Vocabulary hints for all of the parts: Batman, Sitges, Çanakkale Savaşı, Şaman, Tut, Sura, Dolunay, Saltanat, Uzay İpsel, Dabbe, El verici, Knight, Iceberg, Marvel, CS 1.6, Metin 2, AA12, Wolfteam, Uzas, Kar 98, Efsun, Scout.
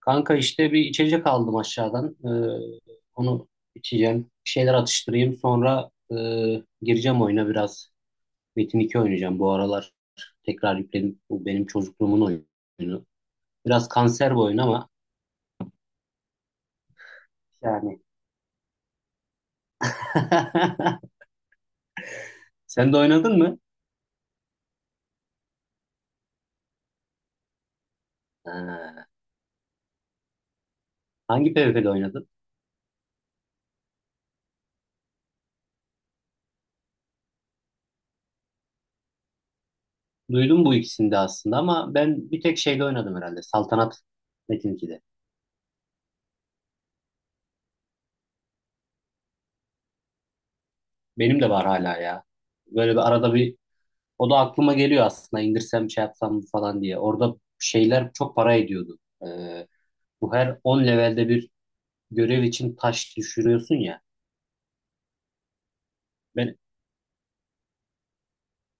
Kanka işte bir içecek aldım aşağıdan. Onu içeceğim. Bir şeyler atıştırayım. Sonra gireceğim oyuna biraz. Metin 2 oynayacağım bu aralar. Tekrar yükledim. Bu benim çocukluğumun oyunu. Biraz kanser bu oyun ama yani. Sen de oynadın mı? Ha, hangi PvP'de oynadın? Duydum bu ikisini de aslında ama ben bir tek şeyde oynadım herhalde. Saltanat Metin 2'de. Benim de var hala ya. Böyle bir arada bir O da aklıma geliyor aslında, indirsem şey yapsam mı falan diye. Orada şeyler çok para ediyordu. Ee, Bu her 10 levelde bir görev için taş düşürüyorsun ya. Ben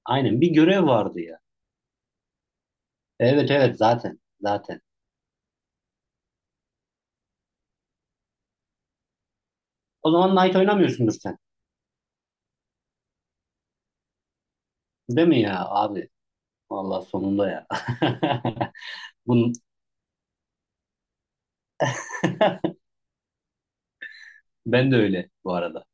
aynen bir görev vardı ya. Evet evet, zaten zaten. O zaman Knight oynamıyorsundur sen. Değil mi ya abi? Vallahi sonunda ya. Bunun, ben de öyle bu arada.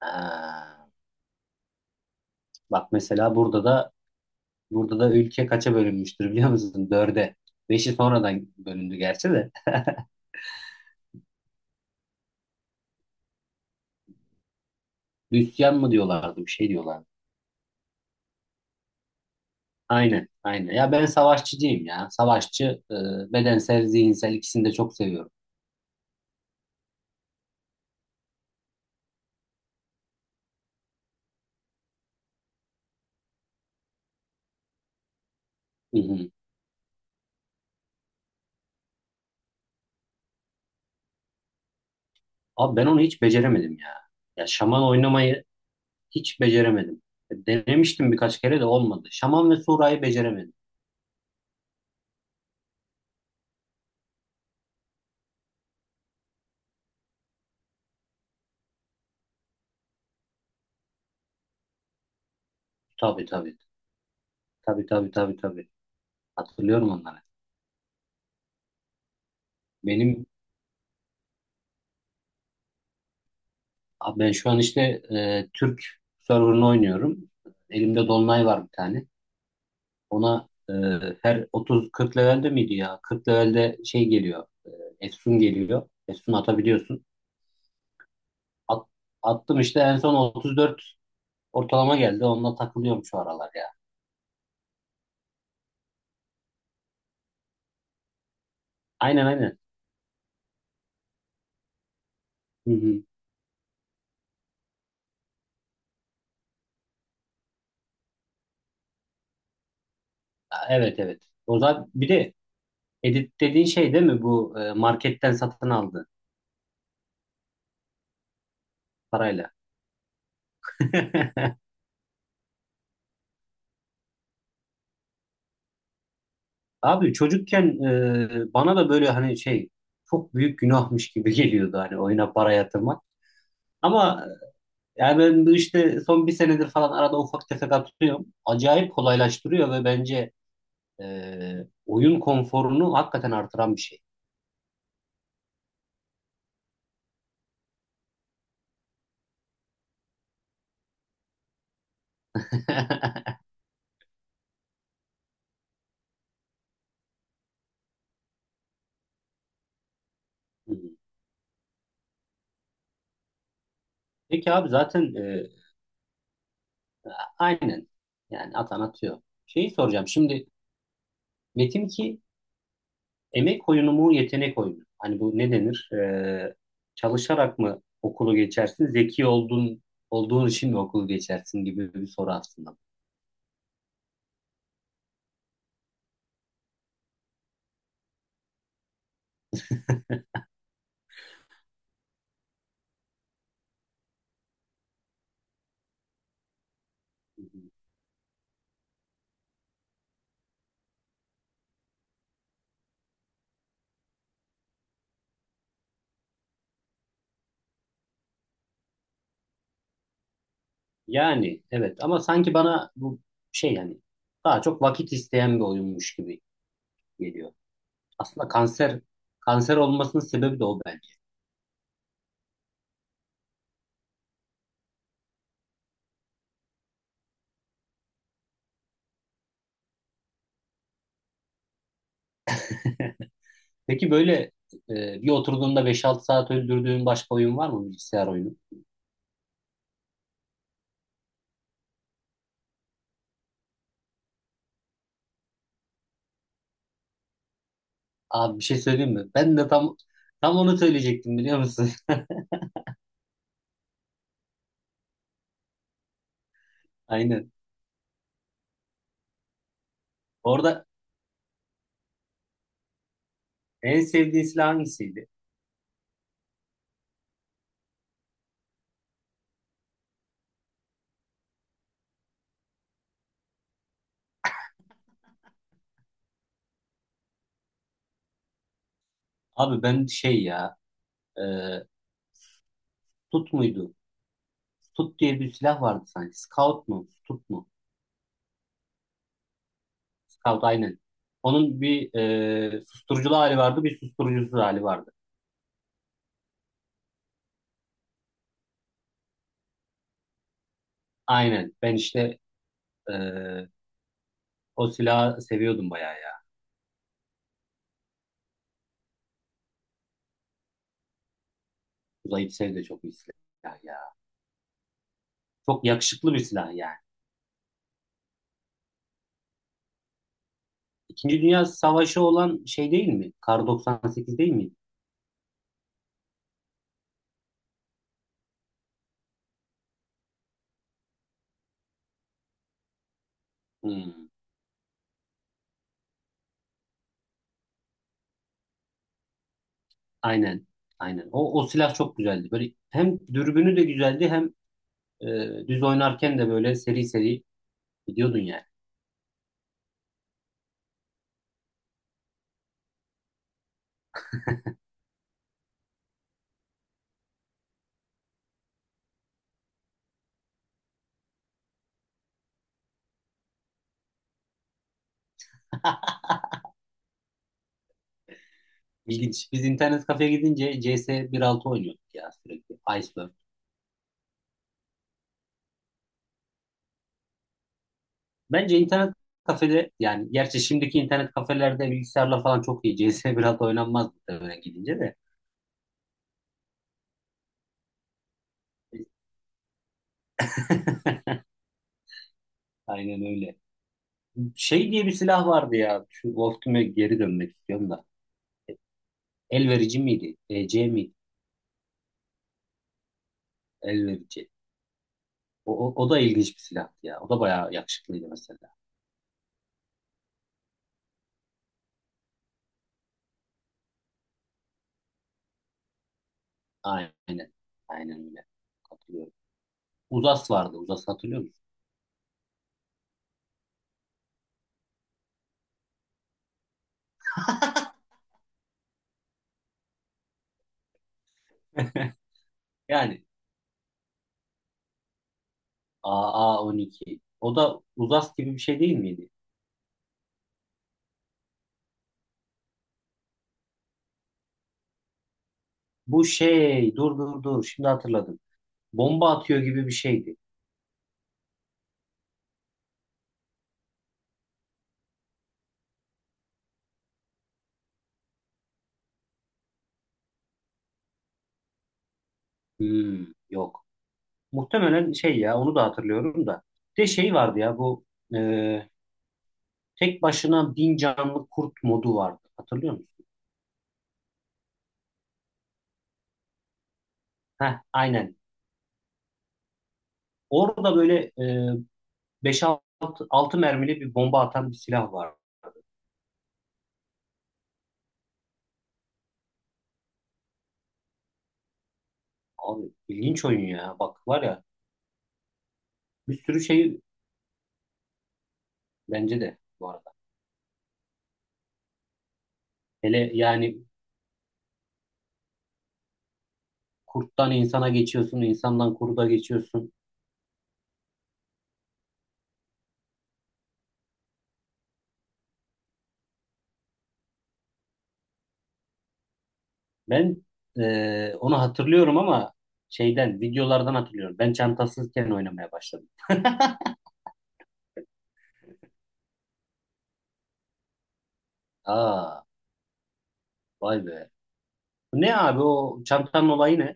Ha. Bak mesela burada da ülke kaça bölünmüştür biliyor musun? Dörde. Beşi sonradan bölündü gerçi de. Hristiyan mı diyorlardı, bir şey diyorlardı. Aynen, aynen. Ya ben savaşçıcıyım ya. Savaşçı, e, bedensel, zihinsel ikisini de çok seviyorum. Hı hı. Abi ben onu hiç beceremedim ya. Ya şaman oynamayı hiç beceremedim. Denemiştim birkaç kere de olmadı. Şaman ve Sura'yı beceremedim. Tabii tabii. Tabii tabii tabii tabii. Hatırlıyorum onları. Benim abi ben şu an işte Türk server'ını oynuyorum. Elimde Dolunay var bir tane. Ona her 30-40 levelde miydi ya? 40 levelde şey geliyor. Efsun geliyor. Efsun atabiliyorsun. At- attım işte en son 34 ortalama geldi. Onunla takılıyorum şu aralar ya. Aynen aynen. Hı hı. Aa, evet evet. O zaman bir de edit dediğin şey değil mi, bu marketten satın aldı parayla? Abi çocukken bana da böyle, hani şey, çok büyük günahmış gibi geliyordu hani, oyuna para yatırmak. Ama yani ben bu işte son bir senedir falan arada ufak tefek atıyorum. Acayip kolaylaştırıyor ve bence oyun konforunu hakikaten artıran bir şey. Peki abi, zaten aynen, yani atan atıyor. Şeyi soracağım şimdi: Metin ki emek oyunu mu, yetenek oyunu mu? Hani bu ne denir? Çalışarak mı okulu geçersin? Zeki olduğun için mi okulu geçersin gibi bir soru aslında. Yani evet, ama sanki bana bu, şey yani, daha çok vakit isteyen bir oyunmuş gibi geliyor. Aslında kanser, kanser olmasının sebebi de o bence. Peki böyle bir oturduğunda beş altı saat öldürdüğün başka oyun var mı, bilgisayar oyunu? Abi bir şey söyleyeyim mi? Ben de tam onu söyleyecektim, biliyor musun? Aynen. Orada en sevdiğin silah hangisiydi? Abi ben şey ya, e, Tut muydu? Tut diye bir silah vardı sanki. Scout mu? Tut mu? Scout, aynen. Onun bir susturuculu hali vardı, bir susturucusuz hali vardı. Aynen. Ben işte e, o silahı seviyordum bayağı ya. Uzay İpsel de çok iyi silah ya. Çok yakışıklı bir silah yani. İkinci Dünya Savaşı olan şey değil mi? Kar 98 değil mi? Hmm. Aynen. Aynen. O silah çok güzeldi. Böyle hem dürbünü de güzeldi, hem düz oynarken de böyle seri seri gidiyordun yani. İlginç. Biz internet kafeye gidince CS 1.6 oynuyorduk ya sürekli. Iceberg. Bence internet kafede yani, gerçi şimdiki internet kafelerde bilgisayarla falan çok iyi. CS 1.6 oynanmaz muhtemelen gidince de. Aynen öyle. Şey diye bir silah vardı ya. Şu Wolfteam'e geri dönmek istiyorum da. El verici miydi? EC miydi? El verici. O da ilginç bir silahtı ya. O da bayağı yakışıklıydı mesela. Aynen. Aynen öyle. Katılıyorum. Uzas vardı. Uzas hatırlıyor musun? Yani AA12. O da Uzas gibi bir şey değil miydi? Bu şey, dur dur dur, şimdi hatırladım. Bomba atıyor gibi bir şeydi. Hmm, yok. Muhtemelen şey ya, onu da hatırlıyorum da. Bir de şey vardı ya, bu e, tek başına 1.000 canlı kurt modu vardı. Hatırlıyor musun? Heh, aynen. Orada böyle beş altı mermili bir bomba atan bir silah var. Abi ilginç oyun ya. Bak var ya, bir sürü şey, bence de bu arada. Hele yani kurttan insana geçiyorsun, insandan kurda geçiyorsun. Ben onu hatırlıyorum ama şeyden, videolardan hatırlıyorum. Ben çantasızken oynamaya başladım. Aa, vay be. Bu ne abi, o çantanın olayı ne?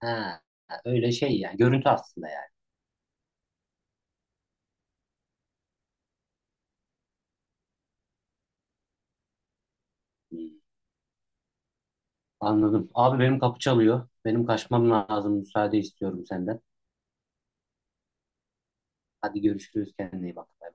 Ha, öyle şey yani. Görüntü aslında yani. Hmm, anladım. Abi benim kapı çalıyor. Benim kaçmam lazım. Müsaade istiyorum senden. Hadi görüşürüz. Kendine iyi bak. Bay